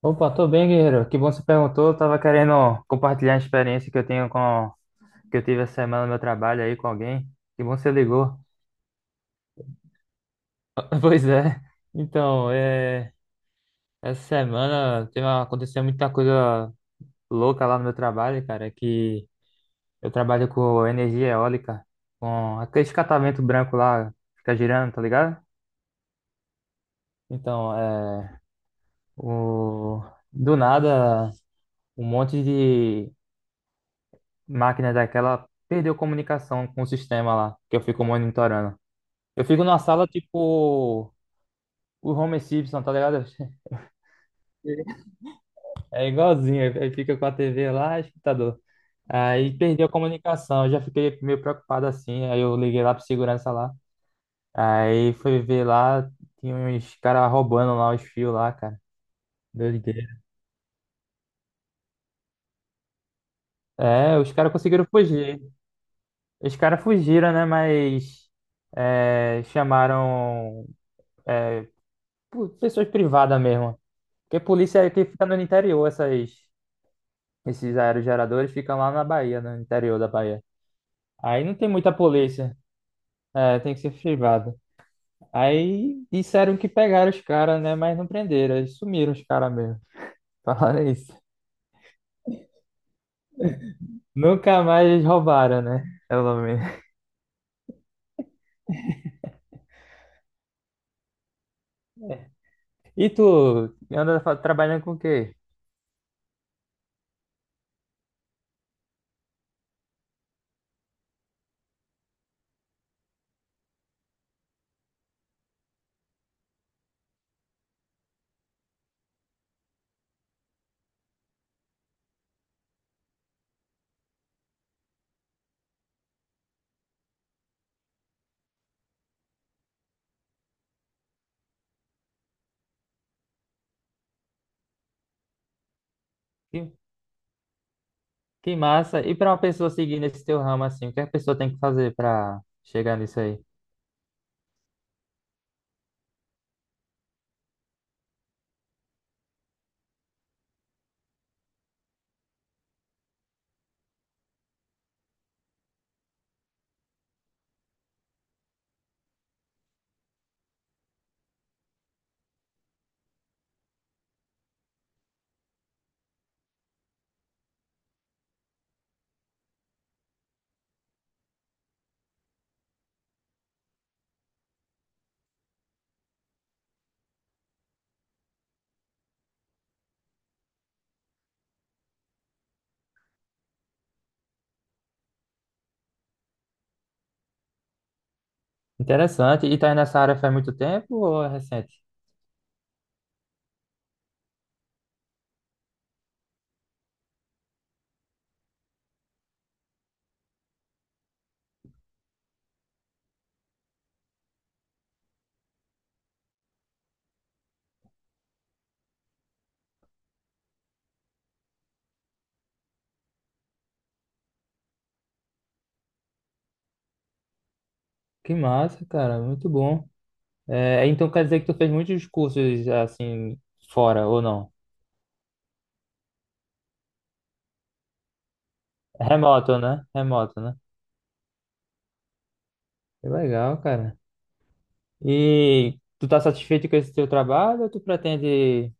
Opa, tô bem, guerreiro. Que bom que você perguntou. Eu tava querendo compartilhar a experiência que eu tive essa semana no meu trabalho aí com alguém. Que bom que você ligou. Pois é. Então, essa semana aconteceu muita coisa louca lá no meu trabalho, cara, que eu trabalho com energia eólica, com aquele catavento branco lá, fica girando, tá ligado? Então, o... do nada, um monte de máquina daquela perdeu comunicação com o sistema lá, que eu fico monitorando. Eu fico numa sala tipo o Homer Simpson, tá ligado? É igualzinho, aí fica com a TV lá, escutador. Aí perdeu a comunicação, eu já fiquei meio preocupado assim, aí eu liguei lá pro segurança lá. Aí fui ver lá, tinha uns caras roubando lá os fios lá, cara. Doideira. É, os caras conseguiram fugir. Os caras fugiram, né? Mas chamaram é, pessoas privadas mesmo. Porque polícia é que fica no interior, esses aerogeradores ficam lá na Bahia, no interior da Bahia. Aí não tem muita polícia. É, tem que ser privado. Aí disseram que pegaram os caras, né? Mas não prenderam. Eles sumiram os caras mesmo. Falaram isso. Nunca mais eles roubaram, né? Pelo menos. E tu anda trabalhando com o quê? Que, que massa. E pra uma pessoa seguir nesse teu ramo assim, o que a pessoa tem que fazer pra chegar nisso aí? Interessante. E tá aí nessa área faz muito tempo ou é recente? Que massa, cara. Muito bom. É, então quer dizer que tu fez muitos cursos assim fora ou não? Remoto, né? Remoto, né? Que legal, cara. E tu tá satisfeito com esse teu trabalho ou tu pretende...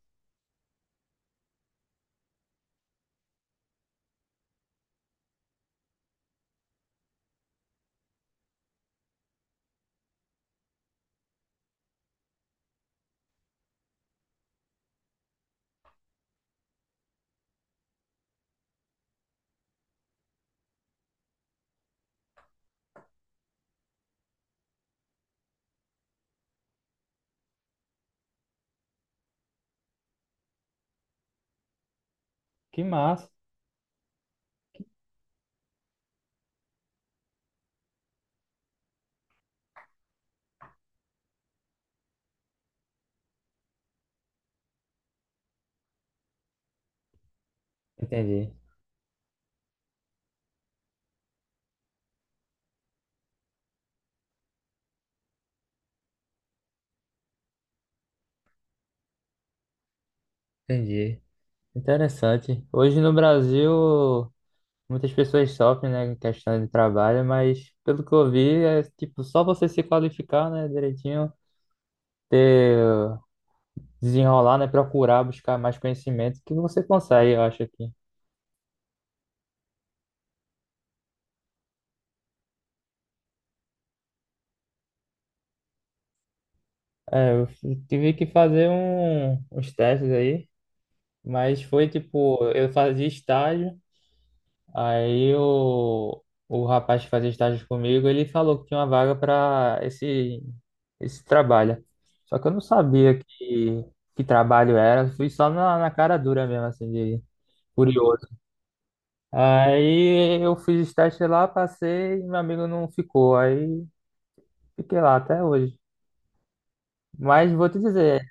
Que massa. Entendi. Entendi. Interessante. Hoje no Brasil, muitas pessoas sofrem, né, em questão de trabalho, mas pelo que eu vi, é tipo só você se qualificar, né, direitinho, ter desenrolar, né? Procurar, buscar mais conhecimento que você consegue, eu acho aqui. É, eu tive que fazer uns testes aí, mas foi tipo, eu fazia estágio, aí o rapaz que fazia estágio comigo, ele falou que tinha uma vaga para esse trabalho. Só que eu não sabia que trabalho era, fui só na, cara dura mesmo, assim, de curioso. Aí eu fiz estágio lá, passei, e meu amigo não ficou, aí fiquei lá até hoje. Mas vou te dizer,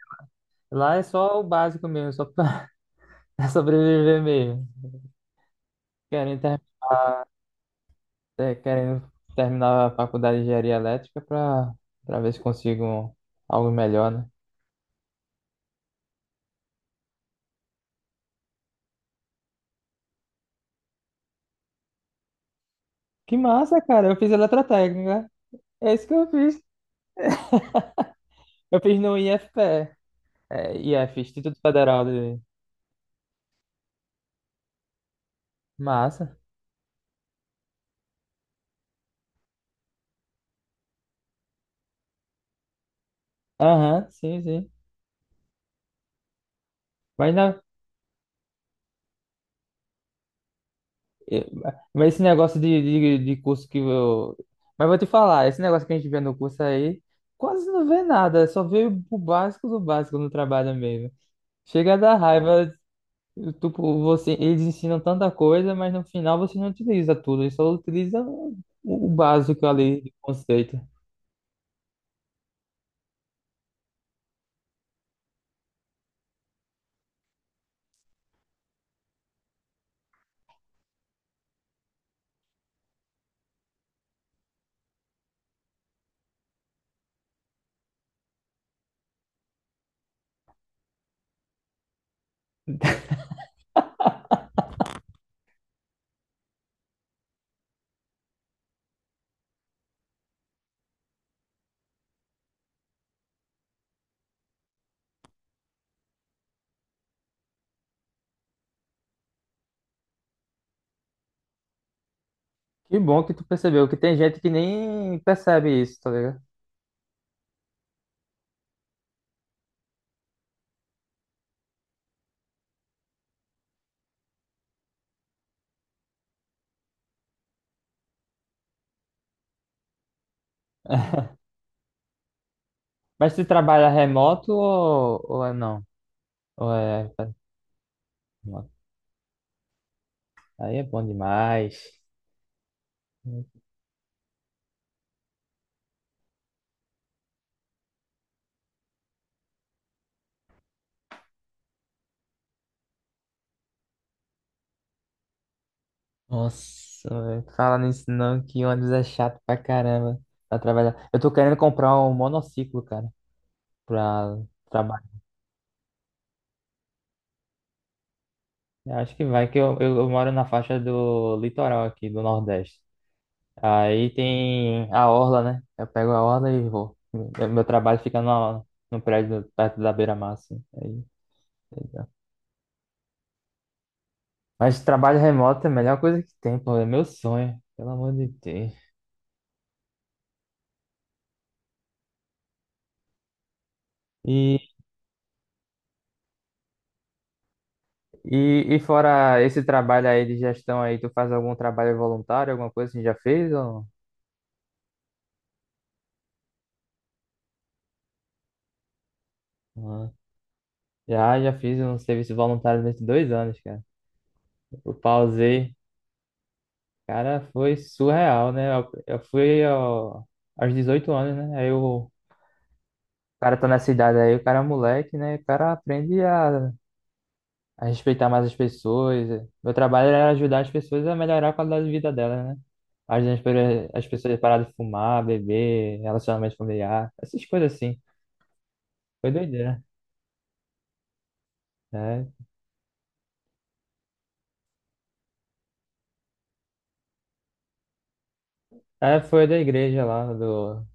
lá é só o básico mesmo, só pra pra sobreviver mesmo. Querendo, ter- querendo terminar a faculdade de engenharia elétrica pra, ver se consigo algo melhor, né? Que massa, cara, eu fiz eletrotécnica. É isso que eu fiz. Eu fiz no IFPE, é, IF, Instituto Federal de... Massa. Aham, sim, sim. Mas na, É, Mas esse negócio de curso que eu. Mas vou te falar, esse negócio que a gente vê no curso aí, quase não vê nada, só vê o básico do básico no trabalho mesmo. Chega a dar raiva, tipo, você, eles ensinam tanta coisa, mas no final você não utiliza tudo, eles só utiliza o básico ali de conceito. Que bom que tu percebeu, que tem gente que nem percebe isso, tá ligado? Mas tu trabalha remoto ou, é não? Ou é remoto? Aí é bom demais. Nossa, velho. Fala nisso não, que ônibus é chato pra caramba pra trabalhar. Eu tô querendo comprar um monociclo, cara, pra trabalhar. Eu acho que vai, que eu, moro na faixa do litoral aqui, do Nordeste. Aí tem a orla, né? Eu pego a orla e vou. Meu trabalho fica no prédio perto da beira-mar, assim. Aí, legal. Mas trabalho remoto é a melhor coisa que tem, pô. É meu sonho, pelo amor de Deus. E e fora esse trabalho aí de gestão aí, tu faz algum trabalho voluntário, alguma coisa que já fez ou não? Já, já fiz um serviço voluntário durante 2 anos, cara. Eu pausei. Cara, foi surreal, né? Eu fui ó, aos 18 anos, né? Aí o cara tá nessa idade aí, o cara é moleque, né? O cara aprende a respeitar mais as pessoas. Meu trabalho era ajudar as pessoas a melhorar a qualidade de vida delas, né? Ajudando as as pessoas a parar de fumar, beber, relacionamento familiar, essas coisas assim. Foi doideira. Né? É. É, foi da igreja lá, do,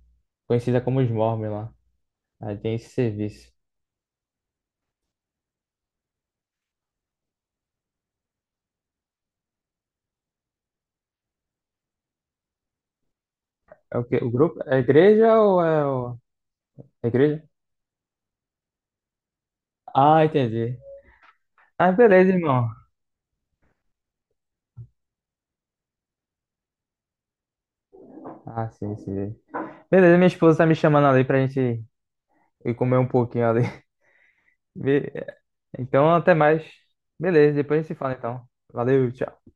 conhecida como os Mormons lá. Aí tem esse serviço. É o quê? O grupo? É a igreja ou é o... a igreja? Ah, entendi. Ah, beleza, irmão. Ah, sim, sim. Beleza, minha esposa tá me chamando ali pra gente ir comer um pouquinho ali. Be- Então, até mais. Beleza, depois a gente se fala então. Valeu, tchau.